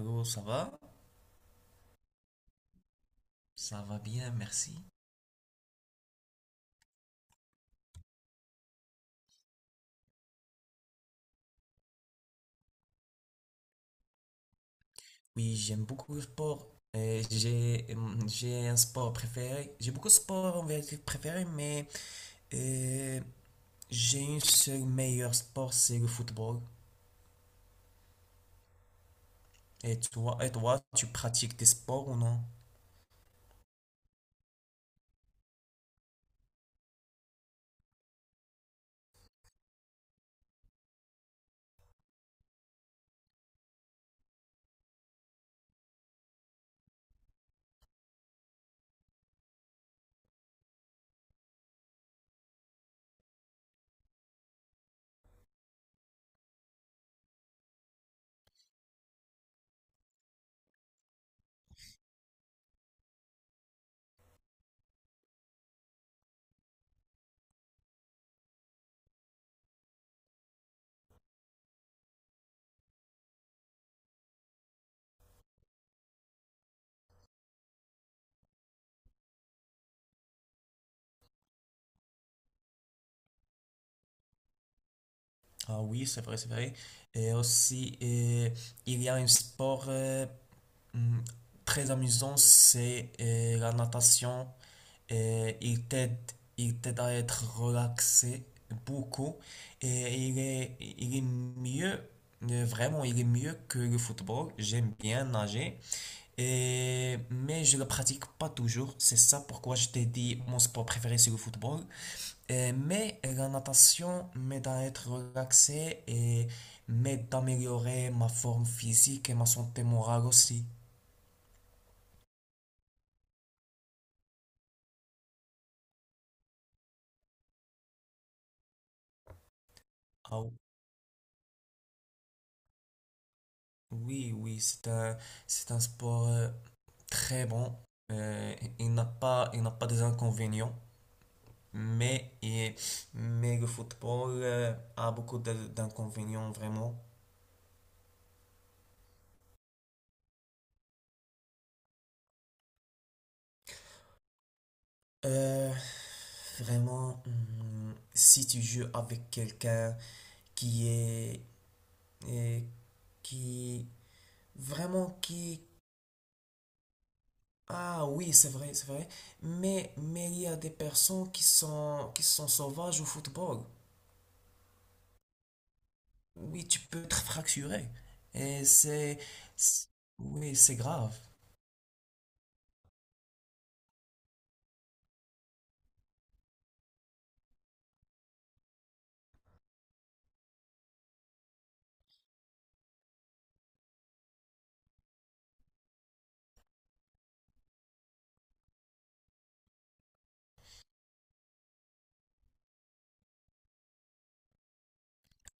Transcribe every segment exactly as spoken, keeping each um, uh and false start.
Allô, ça va? Ça va bien, merci. Oui, j'aime beaucoup le sport. Euh, j'ai, hum, j'ai un sport préféré. J'ai beaucoup de sports en vérité préférés, mais euh, j'ai un seul meilleur sport, c'est le football. Et toi, et toi, tu pratiques des sports ou non? Ah oui, c'est vrai, c'est vrai. Et aussi, euh, il y a un sport euh, hum, très amusant, c'est euh, la natation. Et il t'aide, il t'aide à être relaxé beaucoup. Et il est, il est mieux, euh, vraiment, il est mieux que le football. J'aime bien nager. Et, mais je ne le pratique pas toujours. C'est ça pourquoi je t'ai dit mon sport préféré, c'est le football. Euh, mais la natation m'aide à être relaxé et m'aide à améliorer ma forme physique et ma santé morale aussi. Ah, oui, oui, c'est un, c'est un sport. Euh, très bon. Euh, il n'a pas, il n'a pas des inconvénients, mais, il- mais le football euh, a beaucoup de- d'inconvénients vraiment. Euh, vraiment, hmm, si tu joues avec quelqu'un qui est, et qui vraiment qui ah oui c'est vrai c'est vrai mais mais il y a des personnes qui sont qui sont sauvages au football. Oui, tu peux te fracturer et c'est c'est- oui, c'est grave.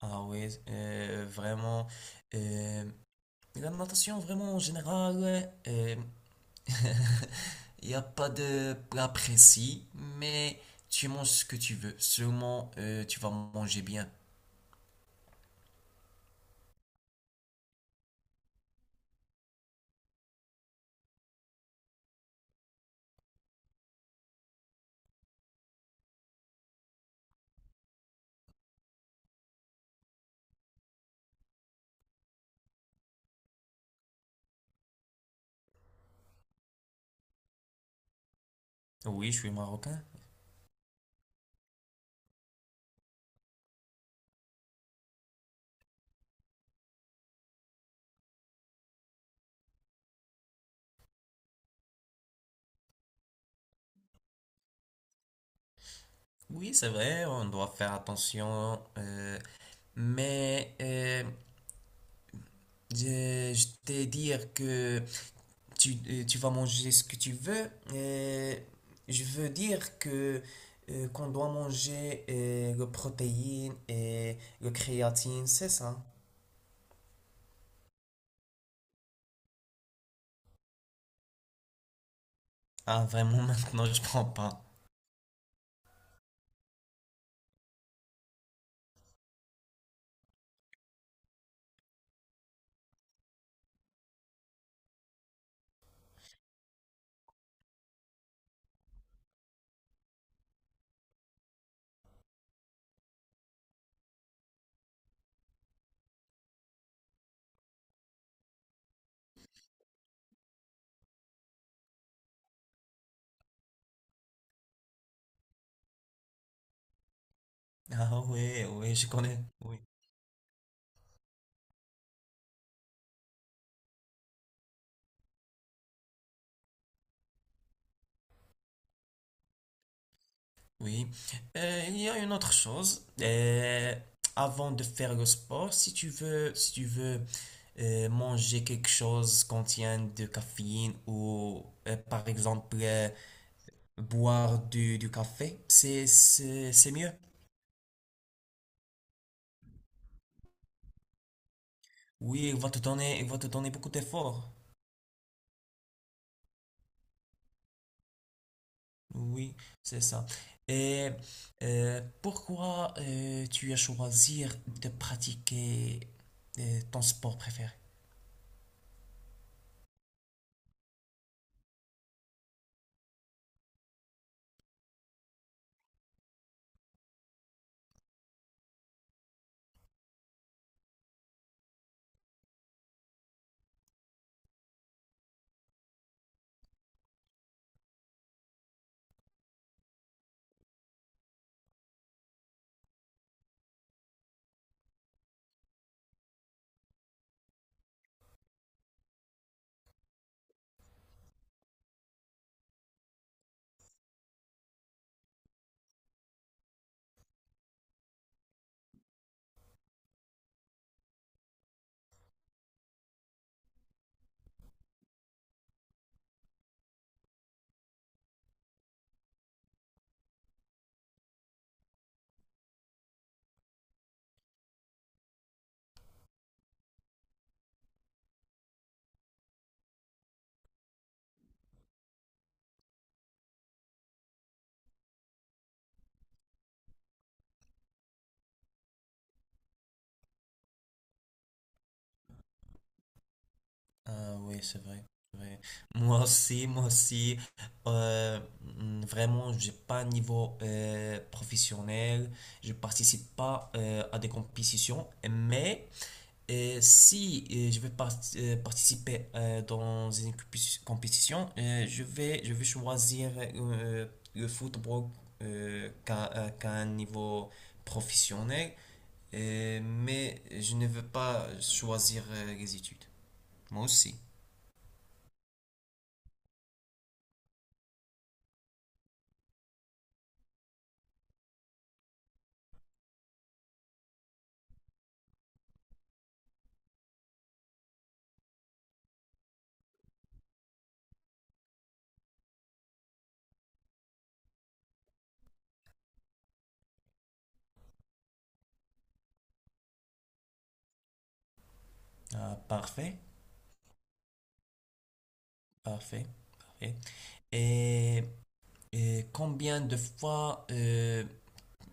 Ah oui, euh, vraiment. euh, la natation, vraiment, en général, euh, il n'y a pas de plat précis, mais tu manges ce que tu veux. Seulement, euh, tu vas manger bien. Oui, je suis marocain. Oui, c'est vrai, on doit faire attention. euh, mais euh, je, je t'ai dire que tu, euh, tu vas manger ce que tu veux. Euh, je veux dire que euh, qu'on doit manger euh, le protéine et le créatine, c'est ça? Ah, vraiment, maintenant, je prends pas. Ah oui, oui, je connais. Oui. Oui. Euh, il y a une autre chose. Euh, avant de faire le sport, si tu veux, si tu veux euh, manger quelque chose qui contient de caféine ou euh, par exemple euh, boire du, du café, c'est, c'est, c'est mieux. Oui, il va te donner, il va te donner beaucoup d'efforts. Oui, c'est ça. Et euh, pourquoi euh, tu as choisi de pratiquer euh, ton sport préféré? Ah oui, c'est vrai. C'est Moi aussi, moi aussi. Euh, mm, vraiment, j'ai pas un niveau euh, professionnel. Je participe pas euh, à des compétitions, mais et si euh, je vais par- euh, participer euh, dans une compé- compétition, euh, je vais, je vais choisir euh, euh, le football euh, qu'à euh, qu'à un niveau professionnel. Euh, mais je ne veux pas choisir euh, les études. Moi aussi. Ah, parfait, parfait, parfait. Et, et combien de fois euh,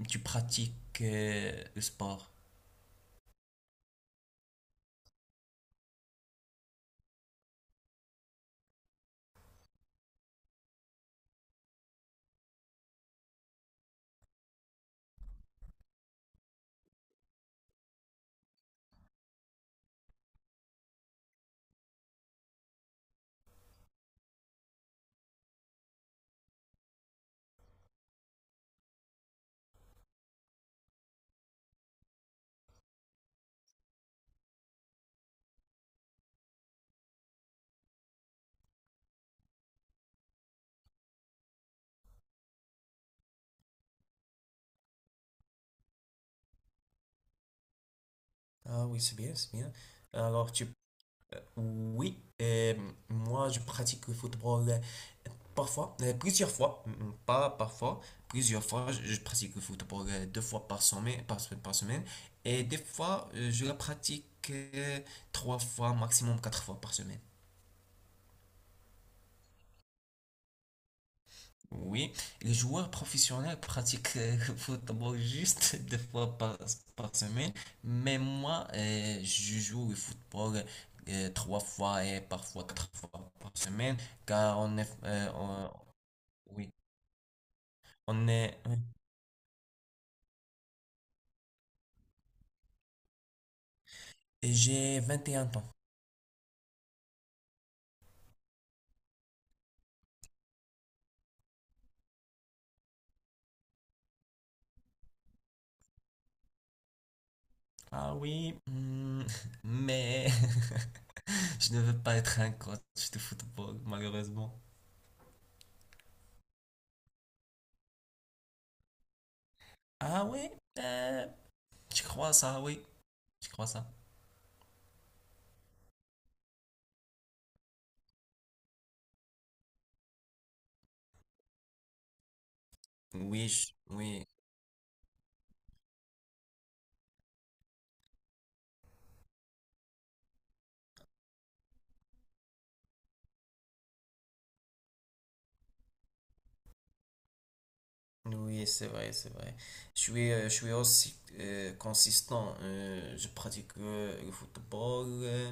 tu pratiques euh, le sport? Ah oui, c'est bien, c'est bien. Alors, tu oui, euh, moi je pratique le football euh, parfois, euh, plusieurs fois, mm, mm, pas parfois, plusieurs fois. Je, je pratique le football euh, deux fois par semaine, par, se- par semaine, et des fois euh, je la pratique euh, trois fois, maximum quatre fois par semaine. Oui, les joueurs professionnels pratiquent euh, le football juste deux fois par, par semaine, mais moi, euh, je joue au football euh, trois fois et parfois quatre fois par semaine, car on est, euh, on- oui, on est, oui. Et j'ai vingt et un ans. Ah oui, hmm, mais je ne veux pas être un coach de football, malheureusement. Ah oui, euh, je crois ça, oui, je crois ça. Oui, je- oui, oui, c'est vrai, c'est vrai. Je suis, euh, je suis aussi euh, consistant. Euh, je pratique euh, le football euh,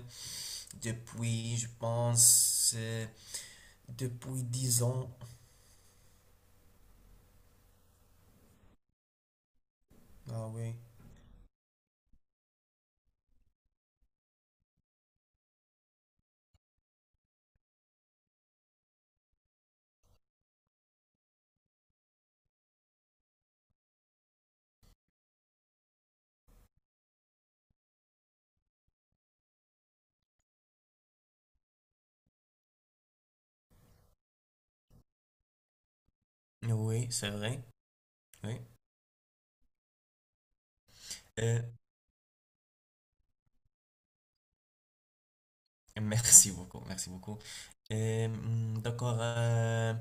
depuis, je pense, euh, depuis dix ans. Ah oui. Oui, c'est vrai. Oui. Euh, merci beaucoup, merci beaucoup. Euh, hmm, d'accord. euh,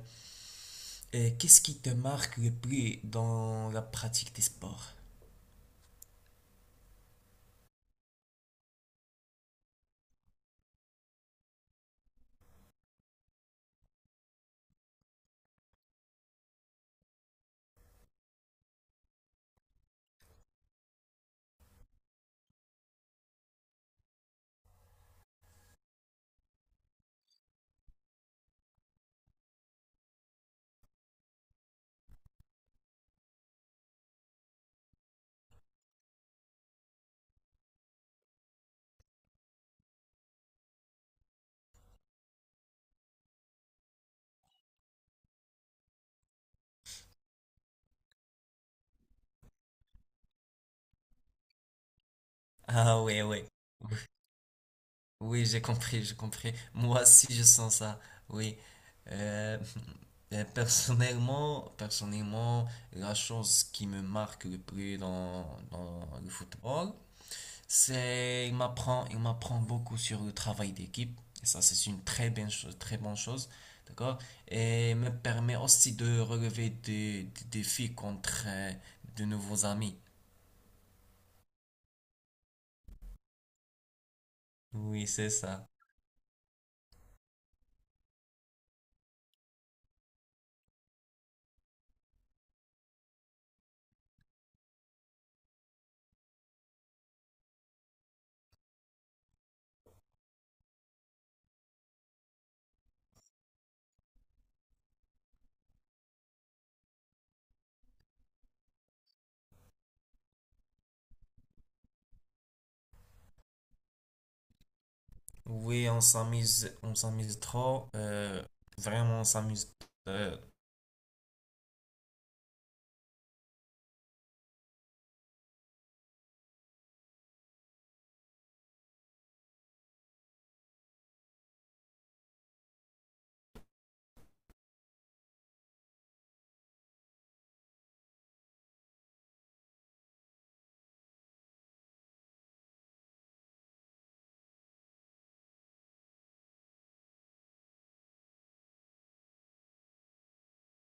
euh, qu'est-ce qui te marque le plus dans la pratique des sports? Ah oui, oui. Oui, j'ai compris, j'ai compris. Moi aussi, je sens ça. Oui. Euh, euh, personnellement, personnellement, la chose qui me marque le plus dans, dans le football, c'est il m'apprend, il m'apprend beaucoup sur le travail d'équipe. Et ça, c'est une très bonne chose, très bonne chose. D'accord? Et me permet aussi de relever des, des défis contre euh, de nouveaux amis. Oui, c'est ça. Oui, on s'amuse, on s'amuse trop. euh, vraiment, on s'amuse euh,